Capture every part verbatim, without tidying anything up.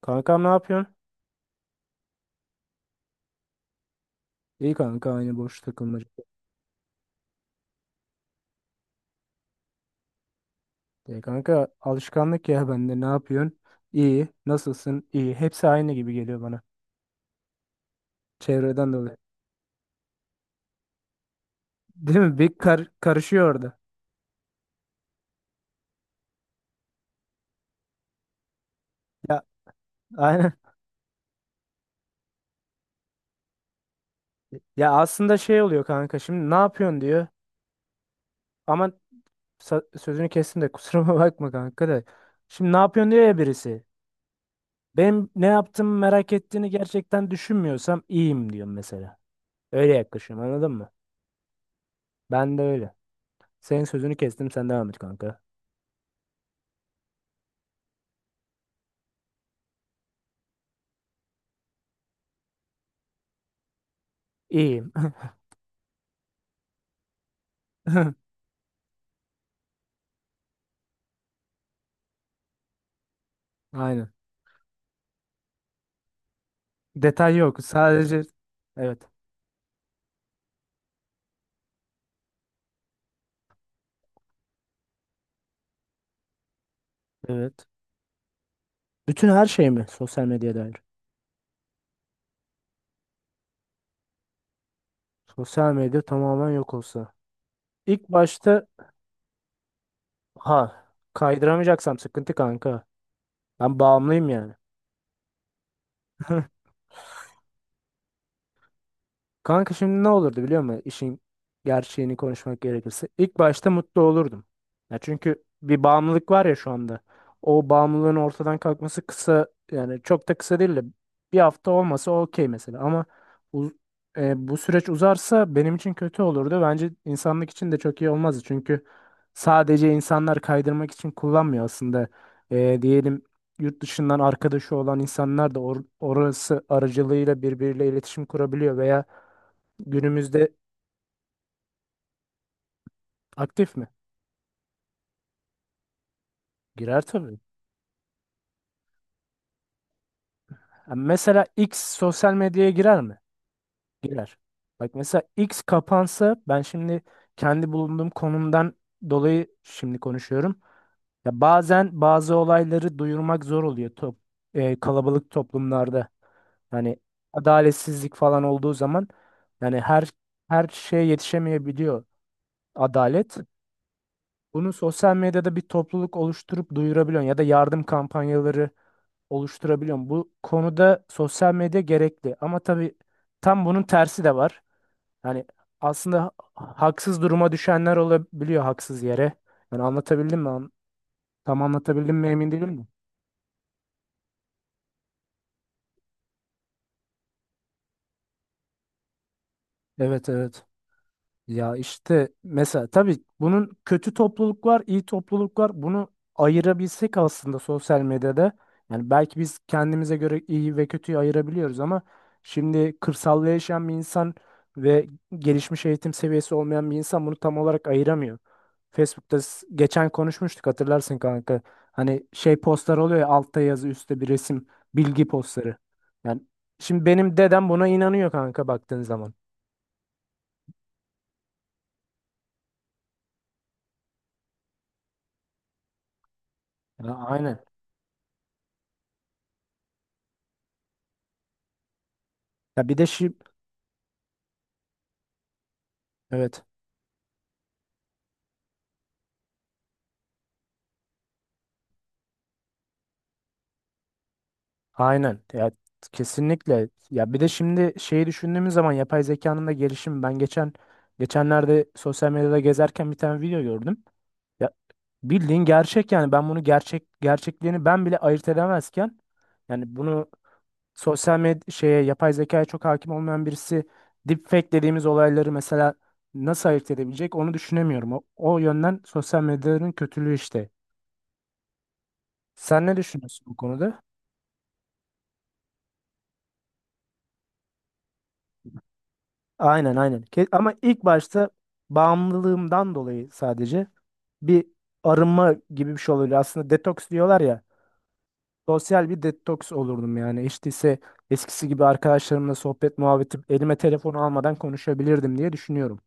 Kankam ne yapıyorsun? İyi kanka aynı boş takılmaca. E kanka alışkanlık ya bende ne yapıyorsun? İyi. Nasılsın? İyi. Hepsi aynı gibi geliyor bana. Çevreden dolayı. Değil mi? Bir kar karışıyor orada. Ya aynen. Ya aslında şey oluyor kanka, şimdi ne yapıyorsun diyor. Ama sa- sözünü kestim de kusuruma bakma kanka da. Şimdi ne yapıyorsun diyor ya birisi. Benim ne yaptığımı merak ettiğini gerçekten düşünmüyorsam iyiyim diyorum mesela. Öyle yaklaşıyorum, anladın mı? Ben de öyle. Senin sözünü kestim, sen devam et kanka. İyiyim. Aynen. Detay yok. Sadece evet. Evet. Bütün her şey mi sosyal medya dair? Sosyal medya tamamen yok olsa. İlk başta, ha, kaydıramayacaksam sıkıntı kanka. Ben bağımlıyım yani. Kanka şimdi ne olurdu biliyor musun? İşin gerçeğini konuşmak gerekirse, İlk başta mutlu olurdum. Ya çünkü bir bağımlılık var ya şu anda. O bağımlılığın ortadan kalkması kısa, yani çok da kısa değil de bir hafta olmasa okey mesela. Ama uz- e, bu süreç uzarsa benim için kötü olurdu. Bence insanlık için de çok iyi olmazdı. Çünkü sadece insanlar kaydırmak için kullanmıyor aslında. E, diyelim yurt dışından arkadaşı olan insanlar da or- orası aracılığıyla birbiriyle iletişim kurabiliyor veya günümüzde aktif mi? Girer tabii. Ha, mesela X sosyal medyaya girer mi? Girer. Bak mesela X kapansa, ben şimdi kendi bulunduğum konumdan dolayı şimdi konuşuyorum. Ya bazen bazı olayları duyurmak zor oluyor, top, e, kalabalık toplumlarda. Hani adaletsizlik falan olduğu zaman yani her her şeye yetişemeyebiliyor adalet. Bunu sosyal medyada bir topluluk oluşturup duyurabiliyorsun ya da yardım kampanyaları oluşturabiliyorum. Bu konuda sosyal medya gerekli ama tabii tam bunun tersi de var. Yani aslında ha- haksız duruma düşenler olabiliyor haksız yere. Yani anlatabildim mi? An- Tam anlatabildim mi emin değilim mi? Evet, evet. Ya işte mesela tabii bunun kötü topluluk var, iyi topluluk var. Bunu ayırabilsek aslında sosyal medyada. Yani belki biz kendimize göre iyi ve kötüyü ayırabiliyoruz ama şimdi kırsalda yaşayan bir insan ve gelişmiş eğitim seviyesi olmayan bir insan bunu tam olarak ayıramıyor. Facebook'ta s- geçen konuşmuştuk, hatırlarsın kanka. Hani şey postlar oluyor ya, altta yazı üstte bir resim, bilgi postları. Yani şimdi benim dedem buna inanıyor kanka, baktığın zaman. Ya, aynen. Ya bir de şi- Evet, aynen. Ya kesinlikle. Ya bir de şimdi şeyi düşündüğümüz zaman, yapay zekanın da gelişimi. Ben geçen geçenlerde sosyal medyada gezerken bir tane video gördüm. Ya bildiğin gerçek, yani ben bunu gerçek gerçekliğini ben bile ayırt edemezken, yani bunu sosyal medya şeye, yapay zekaya çok hakim olmayan birisi deepfake dediğimiz olayları mesela nasıl ayırt edebilecek onu düşünemiyorum. O, o yönden sosyal medyanın kötülüğü işte. Sen ne düşünüyorsun bu konuda? Aynen, aynen. Ke- Ama ilk başta bağımlılığımdan dolayı sadece bir arınma gibi bir şey oluyor. Aslında detoks diyorlar ya. Sosyal bir detoks olurdum yani. İşte ise eskisi gibi arkadaşlarımla sohbet muhabbeti elime telefonu almadan konuşabilirdim diye düşünüyorum.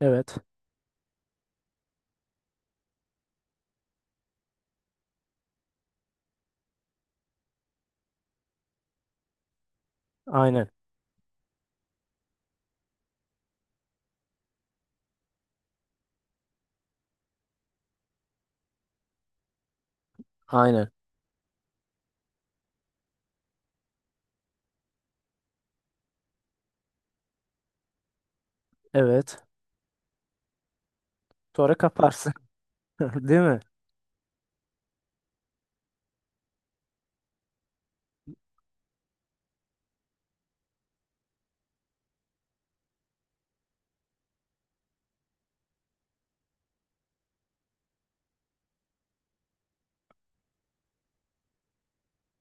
Evet. Aynen. Aynen. Evet. Sonra kaparsın. Değil mi?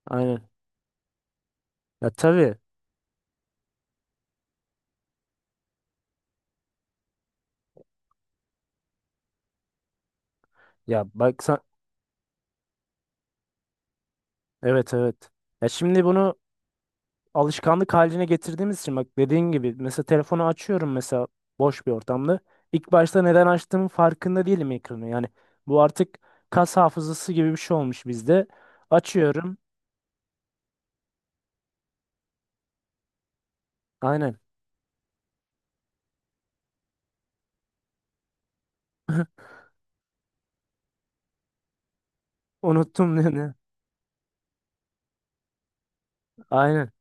Aynen. Ya tabii. Ya bak sen... Evet, evet. Ya şimdi bunu alışkanlık haline getirdiğimiz için, bak dediğin gibi mesela telefonu açıyorum mesela boş bir ortamda. İlk başta neden açtığımın farkında değilim ekranı. Yani bu artık kas hafızası gibi bir şey olmuş bizde. Açıyorum. Aynen. Unuttum dedi. Aynen.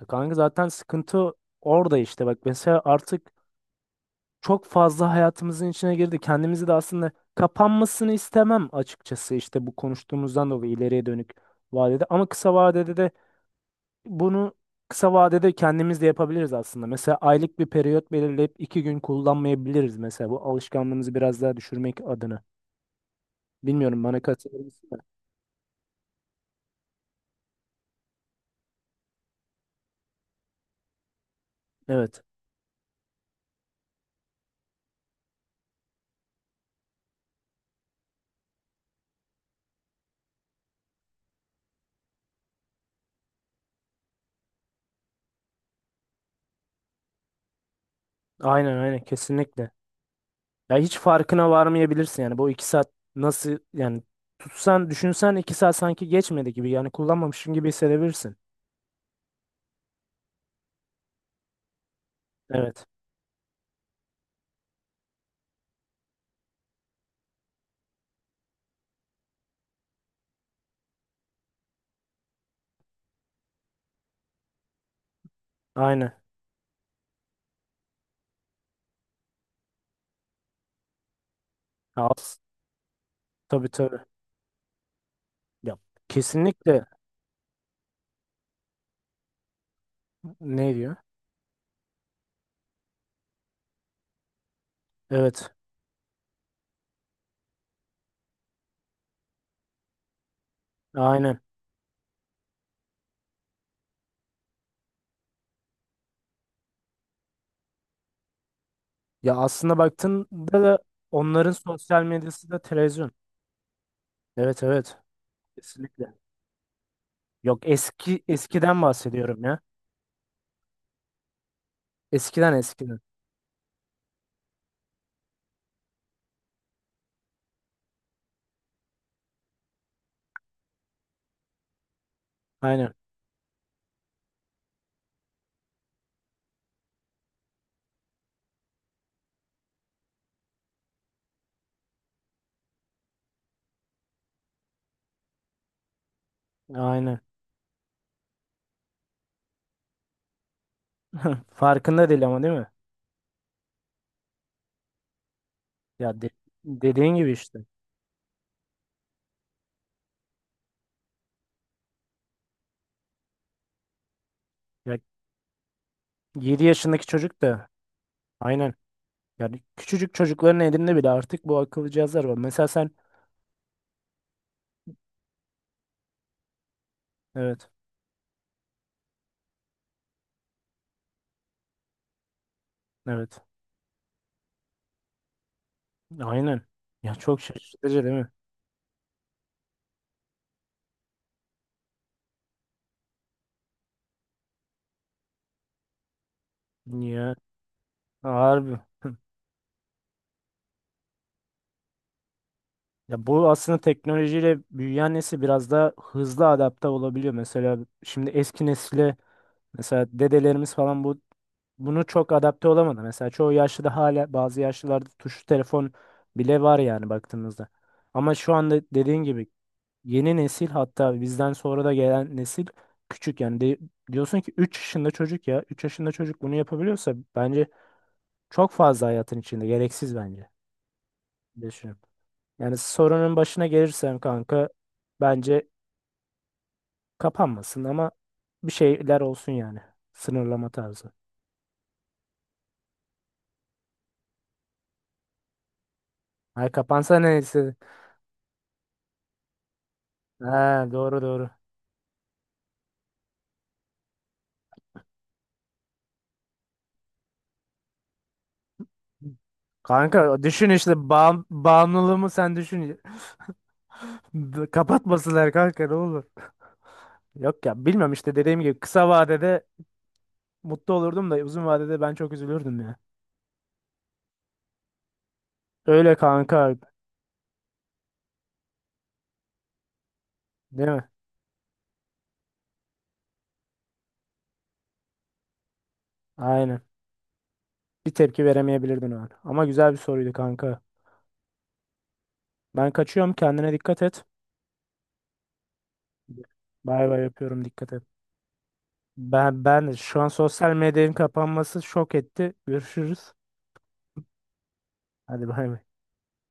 Ya kanka zaten sıkıntı orada işte, bak mesela artık çok fazla hayatımızın içine girdi. Kendimizi de aslında kapanmasını istemem, açıkçası işte bu konuştuğumuzdan dolayı ileriye dönük vadede, ama kısa vadede de bunu kısa vadede kendimiz de yapabiliriz aslında. Mesela aylık bir periyot belirleyip iki gün kullanmayabiliriz mesela, bu alışkanlığımızı biraz daha düşürmek adına. Bilmiyorum, bana katılır mısın da? Evet. Aynen, aynen, kesinlikle. Ya hiç farkına varmayabilirsin, yani bu iki saat nasıl yani, tutsan düşünsen iki saat sanki geçmedi gibi, yani kullanmamışsın gibi hissedebilirsin. Evet. Aynen. Ya as- tabii, tabii. Ya kesinlikle ne diyor? Evet. Aynen. Ya aslında baktığında da onların sosyal medyası da televizyon. Evet, evet. Kesinlikle. Yok eski eskiden bahsediyorum ya. Eskiden, eskiden. Aynen. Aynen. Farkında değil ama, değil mi? Ya de- dediğin gibi işte. Ya yedi yaşındaki çocuk da aynen. Yani küçücük çocukların elinde bile artık bu akıllı cihazlar var. Mesela sen evet. Evet. Aynen. Ya çok şaşırtıcı değil mi? Ya harbi. Ya bu aslında teknolojiyle büyüyen nesil biraz da hızlı adapte olabiliyor. Mesela şimdi eski nesile mesela dedelerimiz falan bu bunu çok adapte olamadı. Mesela çoğu yaşlıda hala bazı yaşlılarda tuşlu telefon bile var yani baktığımızda. Ama şu anda dediğin gibi yeni nesil, hatta bizden sonra da gelen nesil küçük yani, de- diyorsun ki üç yaşında çocuk, ya üç yaşında çocuk bunu yapabiliyorsa bence çok fazla hayatın içinde, gereksiz bence. Düşünüyorum. Yani sorunun başına gelirsen kanka, bence kapanmasın ama bir şeyler olsun yani. Sınırlama tarzı. Ay kapansa neyse. Ha, doğru, doğru. Kanka düşün işte, bağım, bağımlılığımı sen düşün. B- Kapatmasınlar kanka, ne olur. Yok ya, bilmem, işte dediğim gibi kısa vadede mutlu olurdum da uzun vadede ben çok üzülürdüm ya. Öyle kanka, değil mi? Aynen. Bir tepki veremeyebilirdin o an. Ama güzel bir soruydu kanka. Ben kaçıyorum, kendine dikkat et. Bay bay yapıyorum, dikkat et. Ben ben şu an sosyal medyanın kapanması şok etti. Görüşürüz. Hadi bay bay.